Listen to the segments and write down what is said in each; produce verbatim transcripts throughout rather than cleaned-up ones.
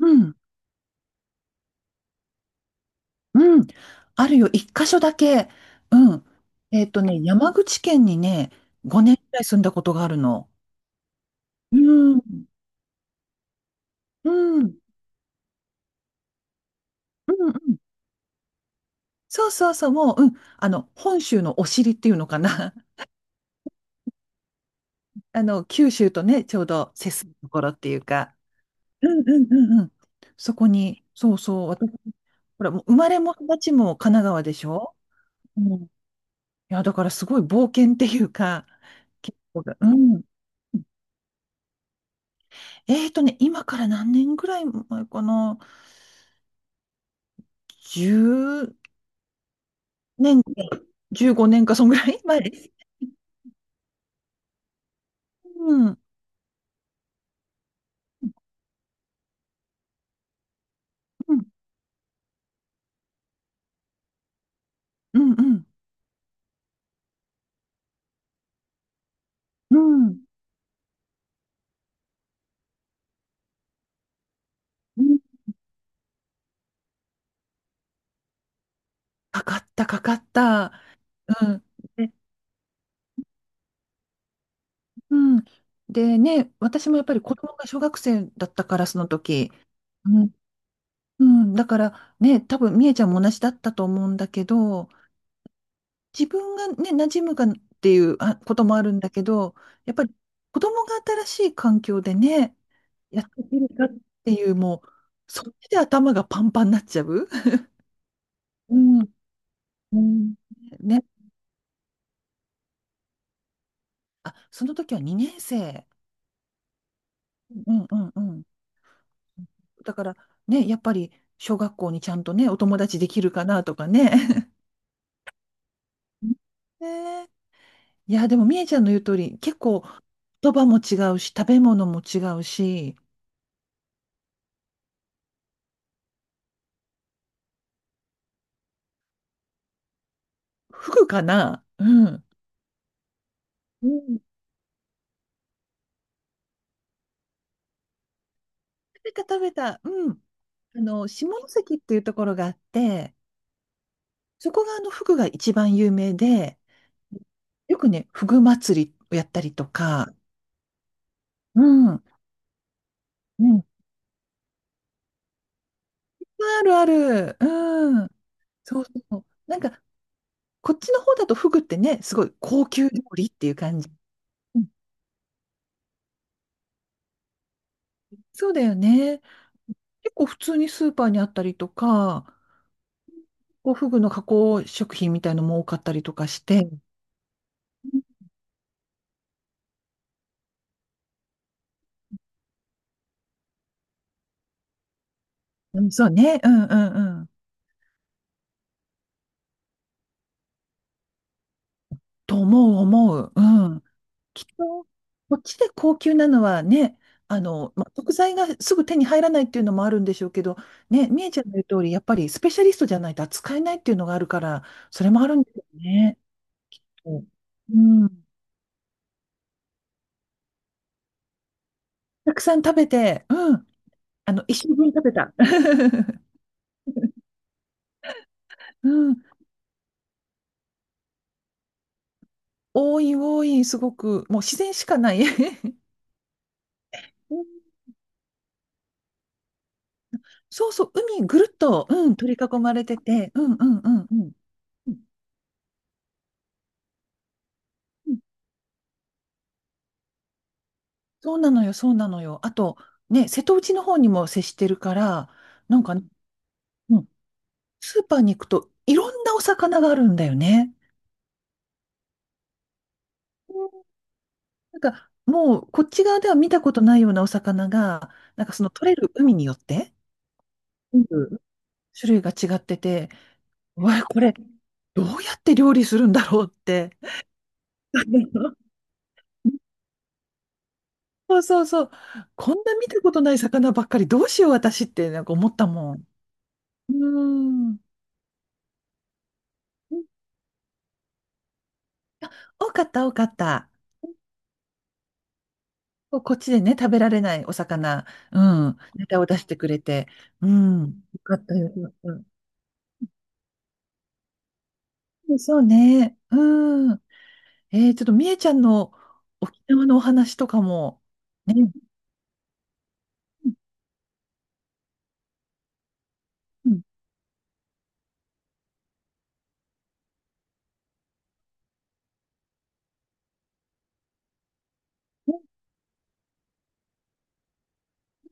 うん、うん、あるよ、一箇所だけ。うん。えっとね、山口県にね、ごねんくらい住んだことがあるの。うん、うん、うん、うん。そうそうそう、もう、うん、あの、本州のお尻っていうのかな。あの、九州とね、ちょうど接するところっていうか。うん、うん、うん、うん。そこに、そうそう、私、ほら、もう生まれも育ちも神奈川でしょ。うん。いや、だからすごい冒険っていうか、結構が、うん。えーとね、今から何年ぐらい前かな ?じゅう 年か、じゅうごねんか、そんぐらい前です。うん、うん、うん、うん、うん。うん、かかった、かかった。うん。で、うん。でね、私もやっぱり子供が小学生だったから、その時。うん。うん。だからね、多分、みえちゃんも同じだったと思うんだけど、自分がね、馴染むかっていうあこともあるんだけど、やっぱり子供が新しい環境でね、やっていけるかっていう、もう、そっちで頭がパンパンになっちゃう。うん、うん。ね。あ、その時はにねん生。うんうんうん。だから、ね、やっぱり、小学校にちゃんとね、お友達できるかなとかね。ねえ、いや、でも、みえちゃんの言う通り、結構、言葉も違うし、食べ物も違うし、フグかな、うん。うん。食べた、食べた。うん。あの、下関っていうところがあって、そこがあの、フグが一番有名で、よくね、フグ祭りをやったりとか、うん、うん、ある、ある、うん、そうそう。なんか、こっちの方だとフグってね、すごい高級料理っていう感じ。うん、そうだよね。結構普通にスーパーにあったりとか、こうフグの加工食品みたいのも多かったりとかして、うん、そうね、うんうんうん。と思う、思う。うん。きっと、こっちで高級なのはね、あの、まあ、食材がすぐ手に入らないっていうのもあるんでしょうけど、ね、みえちゃんの言う通り、やっぱりスペシャリストじゃないと扱えないっていうのがあるから、それもあるんですよね。うん。たくさん食べて、うん。あの、一生分食べた。うん。多い、多い、すごく、もう自然しかない。うん、そうそう、海ぐるっと、うん、取り囲まれてて、うんうんうんうん。うん、そうなのよ、そうなのよ。あと、ね、瀬戸内の方にも接してるから、なんか、うん、スーパーに行くといろんなお魚があるんだよね。うん、なんか、もう、こっち側では見たことないようなお魚が、なんかその取れる海によって、全部種類が違ってて、うわ、これ、どうやって料理するんだろうって。そうそうそう。こんな見たことない魚ばっかり、どうしよう私って、なんか思ったもん。うん。多かった、多かった。ここっちでね、食べられないお魚、うん、ネタを出してくれて、うん、よかったよよかった。うん、そうね、うん。えー、ちょっとみえちゃんの沖縄のお話とかも、ね、うん、うん、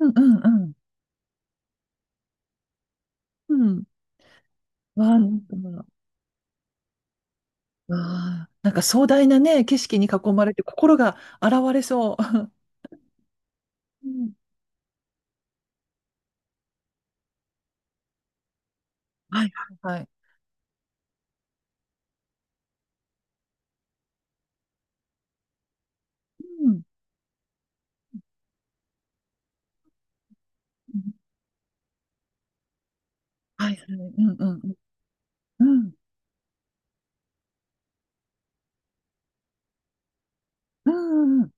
うん、うん、うん、うん、わあ、なんか、わあ、なんか壮大なね、景色に囲まれて心が洗われそう。うん、はい、はい、はい。うん、うん、はい、はい、うん、、うん、うん、うん、うん、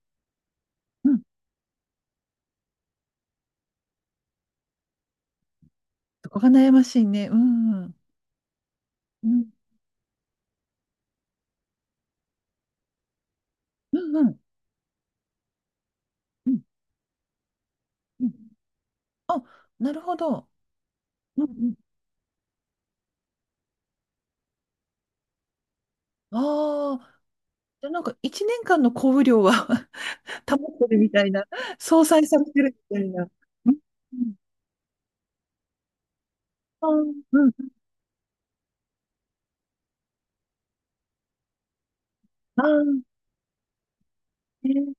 うん、そこが悩ましいね、うん。うんうんうん。うんうん、あ、なるほど。うんうん、ああ、じゃあ、なんか一年間の降雨量は 保ってるみたいな、相殺されてるみたいな。うんうんうん、あー、うん、あー、ね、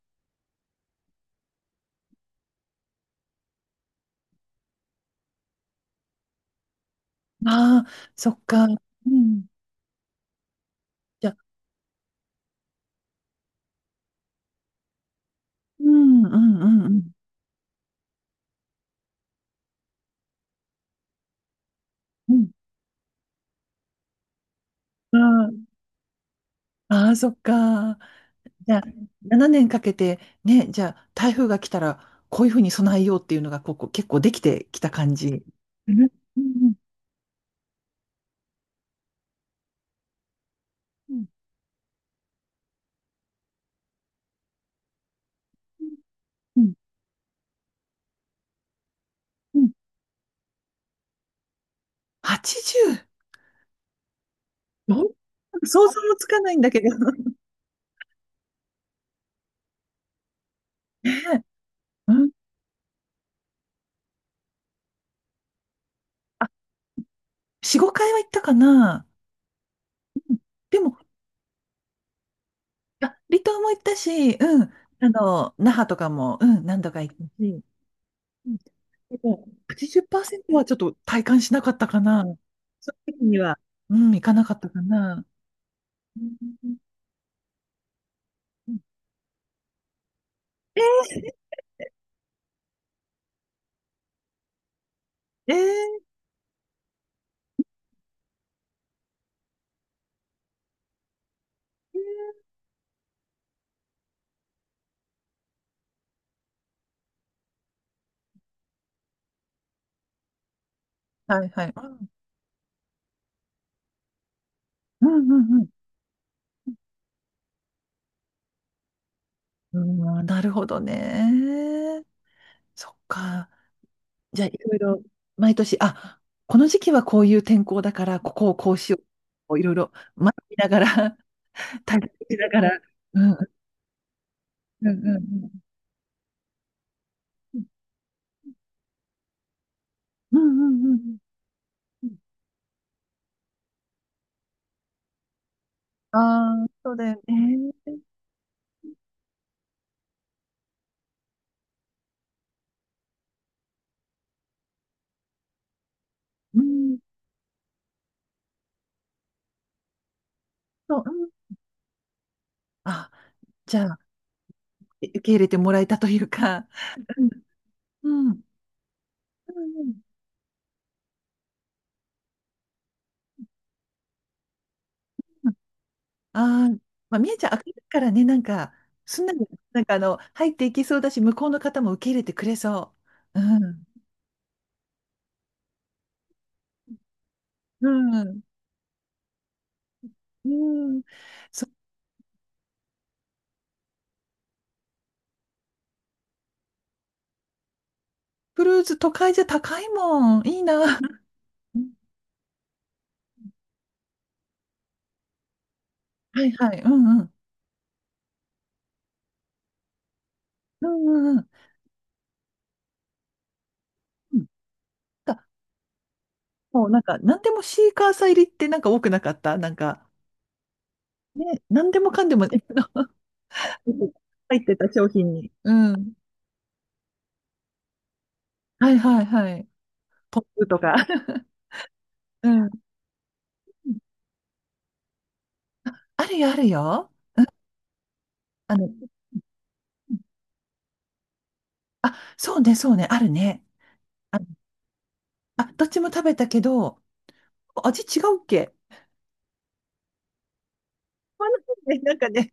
あー、そっか。うん。じゃあ、うんうんうんうん。うん、ああー、そっか。じゃあ、ななねんかけて、ね、じゃあ、台風が来たら、こういうふうに備えようっていうのが、ここ結構できてきた感じ。うんうんうんうんうん。はちじゅう! なん想像もつかないんだけど。ねえ。うん。あ、よん、ごかいは行ったかな。うん。でも、あ、離島も行ったし、うん。あの、那覇とかも、うん、何度か行ったし。うん。でも、はちじゅっパーセントはちょっと体感しなかったかな。その時には、うん、行かなかったかな。うんうん、えー、えー、はいはい。うんうんうんうん。うん、なるほどね。そっか。じゃあ、いろいろ、毎年、あ、この時期はこういう天候だから、ここをこうしよう。こういろいろ、学びながら、体験しながら、うん、うん、うん、うん、うん、うん、うんうんうんうんうんうんうん、ああー、そうだよね。うん、そう、うん。あ、じゃあ、え受け入れてもらえたというか、うん、うん、うん、うん。ああー、まあ、みえちゃん、明るいからね、なんか、すんなり、なんかあの、入っていきそうだし、向こうの方も受け入れてくれそう。うん、うん。うん。そう、クルーズ、都会じゃ高いもん。いいな。うん、はいはい。うんうん。うんうんうん。うん、だ、もうなんか、なんでもシーカーサー入りってなんか多くなかった、なんか、ね、なんでもかんでも、ね、入ってた商品に。うん。はいはいはい。ポップとか。うん。あるよ、あるよ。あの、あ、そうねそうね、あるね。あ、あどっちも食べたけど、味違うっけ。まあ、なんかね、なんかね。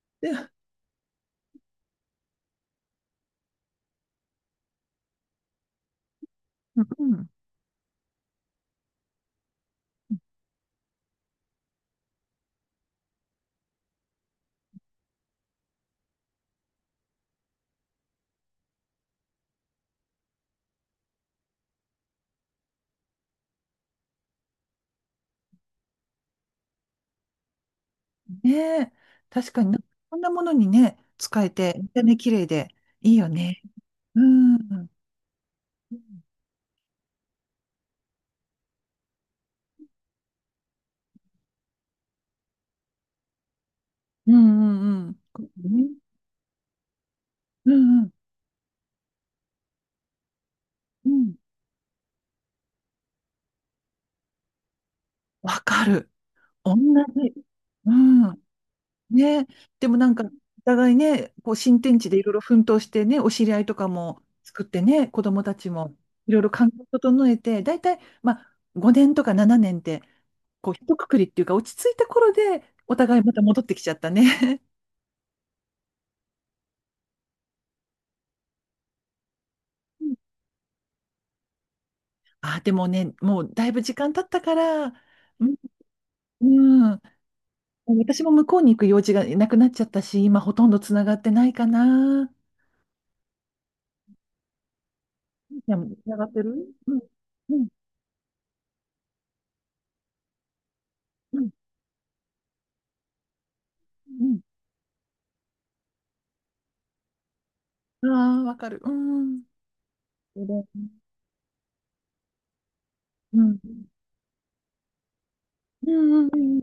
で、うん。ねえ、確かにな、こんなものにね、使えて、見た目綺麗でいいよね。うん。うんうんうん。うね、うんうんうん。わかる。同じ。うん。ね。でもなんか、お互いね、こう新天地でいろいろ奮闘してね、お知り合いとかも作ってね、子供たちもいろいろ環境を整えて、大体、まあ、ごねんとかななねんって、こう、一括りっていうか、落ち着いた頃で、お互いまた戻ってきちゃったね。あ、でもね、もうだいぶ時間経ったから、うん、うん、私も向こうに行く用事がなくなっちゃったし、今ほとんどつながってないかな。で、つながってる、うん、うん、うん、うん。ああ、わかる。うん。そうだね、うん、うん、うん、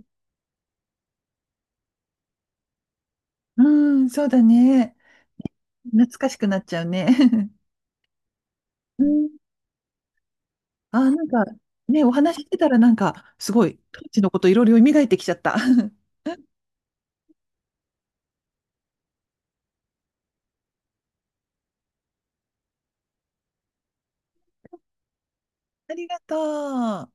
うん、うん、そうだね。懐かしくなっちゃうね。うん。ああ、なんか、ね、お話ししてたらなんか、すごい、当時のこといろいろ蘇ってきちゃった。ありがとう。